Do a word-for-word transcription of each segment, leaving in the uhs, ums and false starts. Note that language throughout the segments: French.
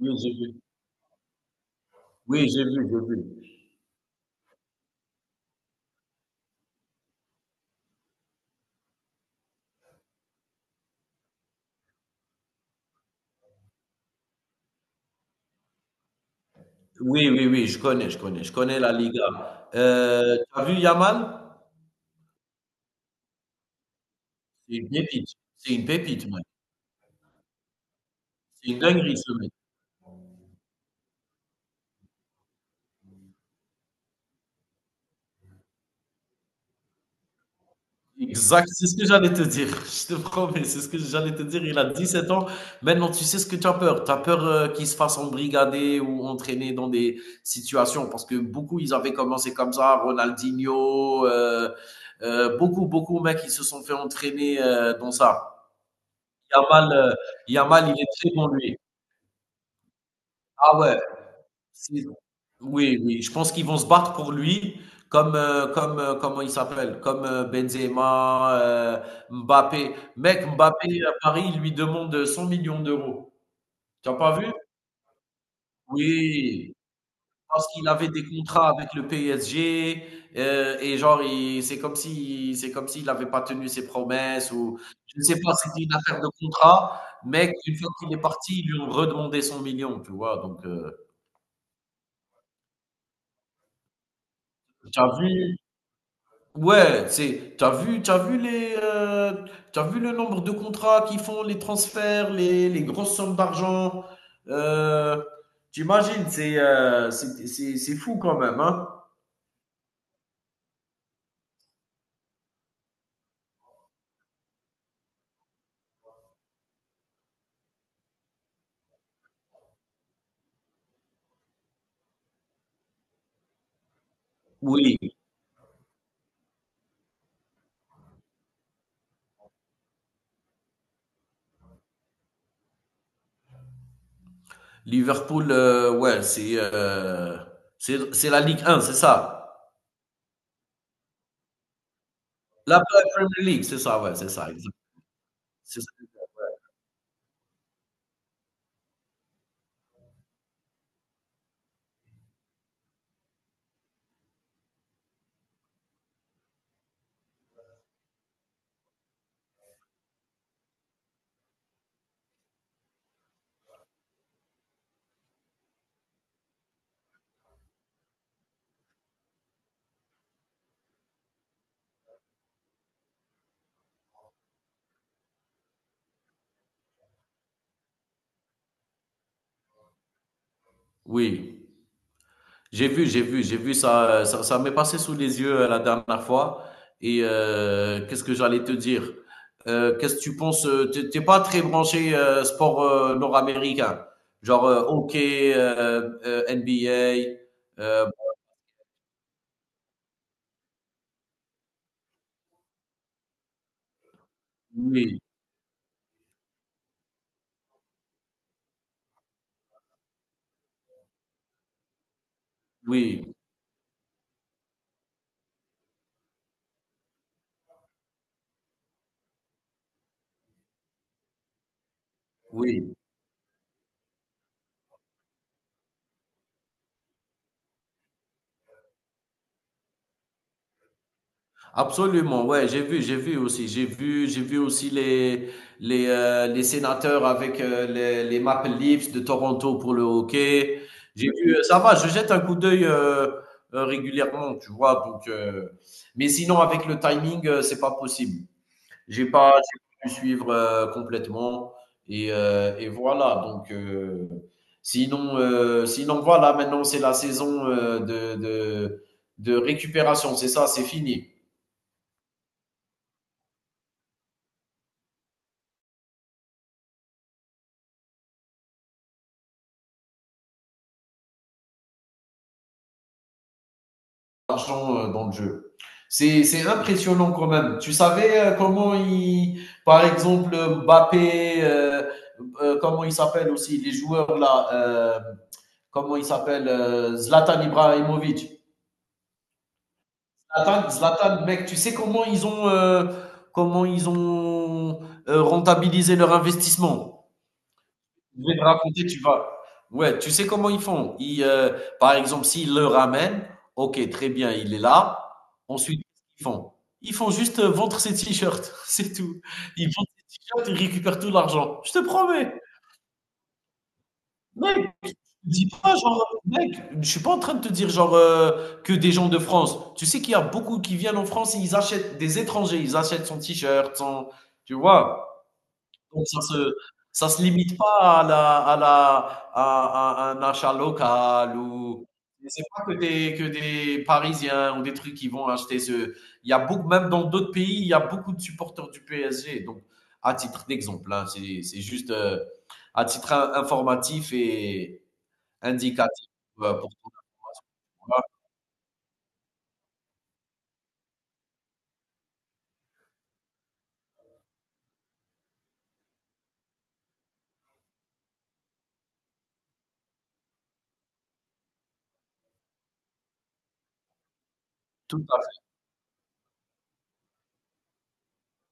Oui, j'ai vu. Oui, j'ai vu, j'ai vu. Oui, oui, oui, je connais, je connais, je connais la Liga. Euh, tu as vu Yamal? C'est une pépite. C'est une pépite, mec. C'est une dinguerie, ce mec. Exact, c'est ce que j'allais te dire. Je te promets, c'est ce que j'allais te dire. Il a dix sept ans. Maintenant, tu sais ce que tu as peur. Tu as peur euh, qu'il se fasse embrigader ou entraîner dans des situations. Parce que beaucoup, ils avaient commencé comme ça. Ronaldinho, euh, euh, beaucoup, beaucoup, mecs, ils se sont fait entraîner euh, dans ça. Yamal, heu, Yamal, il est très bon, lui. Ah ouais, c'est oui, oui, je pense qu'ils vont se battre pour lui comme, heu, comme, heu, comment il s'appelle? Comme, heu, Benzema, heu, Mbappé. Mec, Mbappé, à Paris, il lui demande, heu, cent millions d'euros €. Tu as pas vu? Oui. Parce qu'il avait des contrats avec le P S G euh, et genre il c'est comme si c'est comme s'il avait pas tenu ses promesses ou je ne sais pas, c'était une affaire de contrat, mais une fois qu'il est parti, ils lui ont redemandé son million, tu vois? Donc, heu, tu vu ouais, c'est t'as vu t'as vu les, heu, tu vu le nombre de contrats qu'ils font, les transferts, les les grosses sommes d'argent, heu, tu imagines, c'est, heu, c'est c'est c'est fou quand même, hein? Oui. Liverpool, euh, ouais, c'est euh, c'est c'est la Ligue un, c'est ça. La Premier League, c'est ça, ouais, c'est ça, exact. C'est ça. Oui, j'ai vu, j'ai vu, j'ai vu ça, euh, ça, ça m'est passé sous les yeux euh, la dernière fois. Et euh, qu'est-ce que j'allais te dire? Euh, qu'est-ce que tu penses? euh, T'es t'es pas très branché euh, sport euh, nord-américain, genre euh, hockey, euh, euh, N B A. euh, oui, oui, oui. Absolument, ouais, j'ai vu, j'ai vu aussi, j'ai vu, j'ai vu aussi les les euh, les sénateurs avec euh, les, les Maple Leafs de Toronto pour le hockey. J'ai vu, euh, ça va, je jette un coup d'œil euh, euh, régulièrement, tu vois. Donc, euh, mais sinon avec le timing, euh, c'est pas possible. J'ai pas, j'ai pas pu suivre euh, complètement et euh, et voilà. Donc, euh, sinon euh, sinon voilà, maintenant c'est la saison euh, de de de récupération, c'est ça, c'est fini. D'argent euh, dans le jeu. C'est, c'est impressionnant quand même. Tu savais euh, comment il, par exemple, Mbappé, euh, euh, comment il s'appelle aussi, les joueurs là, euh, comment il s'appelle, euh, Zlatan Ibrahimovic. Zlatan, Zlatan, mec, tu sais comment ils ont, euh, comment ils ont euh, rentabilisé leur investissement. Je vais te raconter, tu vas. Ouais, tu sais comment ils font? Ils, euh, par exemple, s'ils le ramènent, ok, très bien, il est là. Ensuite, ils font. Ils font juste euh, vendre ses t-shirts, c'est tout. Ils vendent ses t-shirts, ils récupèrent tout l'argent. Je te promets, mec, je te dis pas genre, mec, je suis pas en train de te dire genre euh, que des gens de France. Tu sais qu'il y a beaucoup qui viennent en France et ils achètent des étrangers, ils achètent son t-shirt, son, tu vois. Donc ça se ça se limite pas à la à la à à un achat local ou c'est pas que des que des Parisiens ou des trucs qui vont acheter, ce il y a beaucoup, même dans d'autres pays, il y a beaucoup de supporters du P S G. Donc, à titre d'exemple, hein, c'est c'est juste, heu, à titre in informatif et indicatif, heu, pour tout le monde. Tout à fait.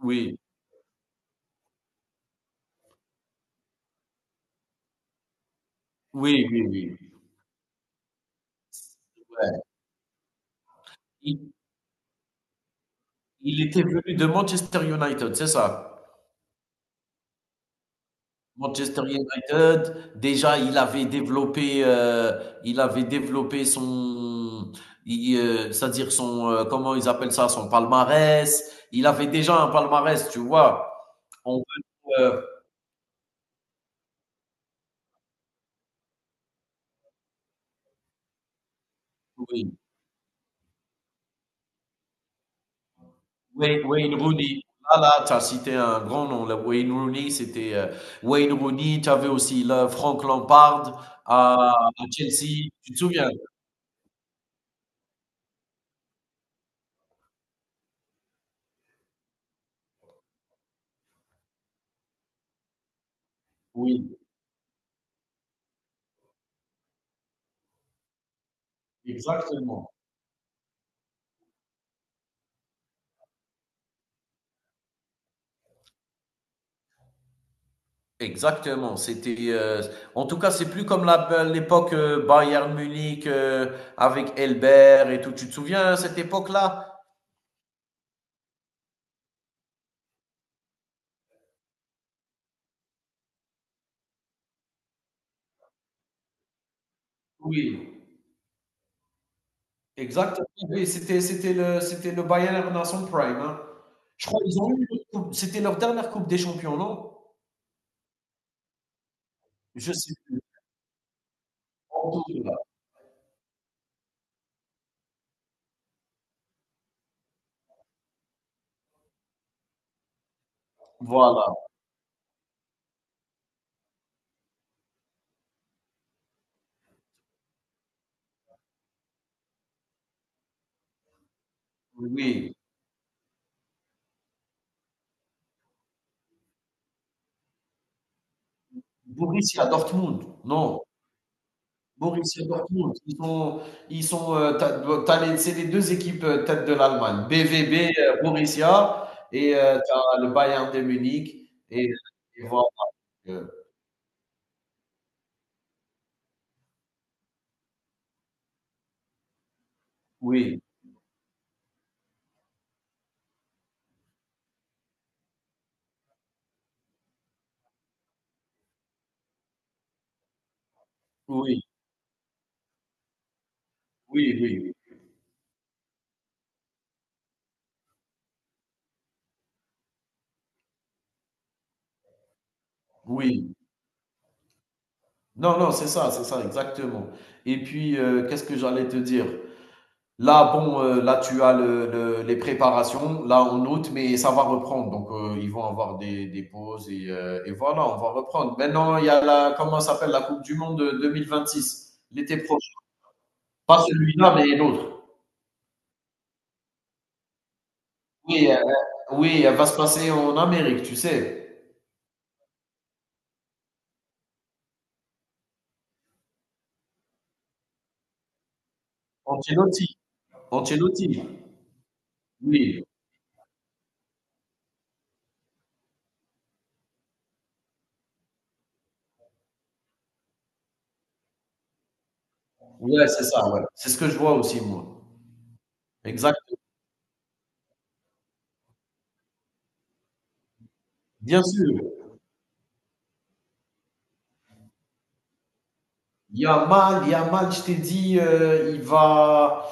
Oui, oui, oui, oui. Il il était venu de Manchester United, c'est ça? Manchester United, déjà, il avait développé, heu, il avait développé son i heu, c'est-à-dire son, heu, comment ils appellent ça? Son palmarès. Il avait déjà un palmarès, tu vois? On peut, heu, oui, Wayne Wayne Rooney. Voilà, tu as cité un grand nom, là. Wayne Rooney, c'était, heu, Wayne Rooney, tu avais aussi là Frank Lampard à à Chelsea, tu te souviens? Oui, exactement. Exactement, c'était euh, en tout cas, c'est plus comme la- l'époque euh, Bayern Munich, euh, avec Elbert et tout. Tu te souviens, hein, cette époque-là? Oui, exactement. Oui, c'était c'était le c'était le Bayern dans son prime, hein. Je crois qu'ils ont eu une autre coupe. C'était leur dernière Coupe des Champions, non? Je sais plus. En tout cas, voilà. Oui. Borussia Dortmund. Non. Borussia Dortmund, ils sont, ils sont, heu, tu as les c'est les deux équipes, heu, tête de l'Allemagne, B V B, heu, Borussia et heu, tu le Bayern de Munich et et voilà, heu, oui, oui, oui, oui, oui. Oui. Non, non, c'est ça, c'est ça, exactement. Et puis, heu, qu'est-ce que j'allais te dire? Là, bon, heu, là, tu as le le les préparations, là, en août, mais ça va reprendre. Donc, heu, ils vont avoir des des pauses et heu et voilà, on va reprendre. Maintenant, il y a la comment ça s'appelle? La coupe du monde, heu, deux mille vingt-six, l'été prochain. Pas celui-là, mais l'autre. Oui, heu, oui, elle va se passer en Amérique, tu sais? Ancelotti, Ancelotti. Oui, ouais, c'est ça, ouais. C'est ce que je vois aussi, moi. Exact. Bien sûr. Yamal, Yamal, je t'ai dit, heu, il va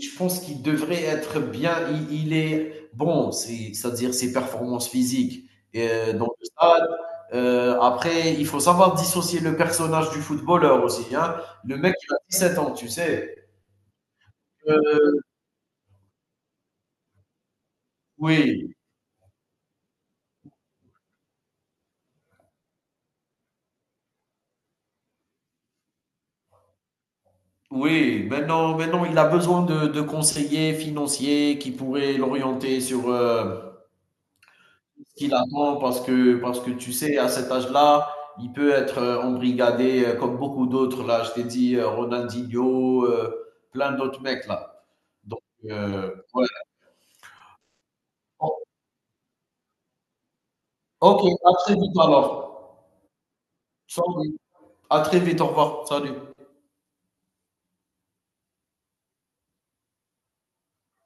je pense qu'il devrait être bien. Il il est bon, c'est c'est-à-dire ses performances physiques, heu, dans le stade, heu, après il faut savoir dissocier le personnage du footballeur aussi, hein. Le mec il a sept ans, tu sais? Heu, oui, oui, maintenant maintenant il a besoin de de conseillers financiers qui pourraient l'orienter sur, heu qu'il attend parce que, parce que tu sais, à cet âge-là, il peut être euh, embrigadé euh, comme beaucoup d'autres. Là, je t'ai dit euh, Ronaldinho, euh, plein d'autres mecs là. Donc, euh, ouais. Bon, ok, à très vite alors. Salut. À très vite, au revoir. Salut.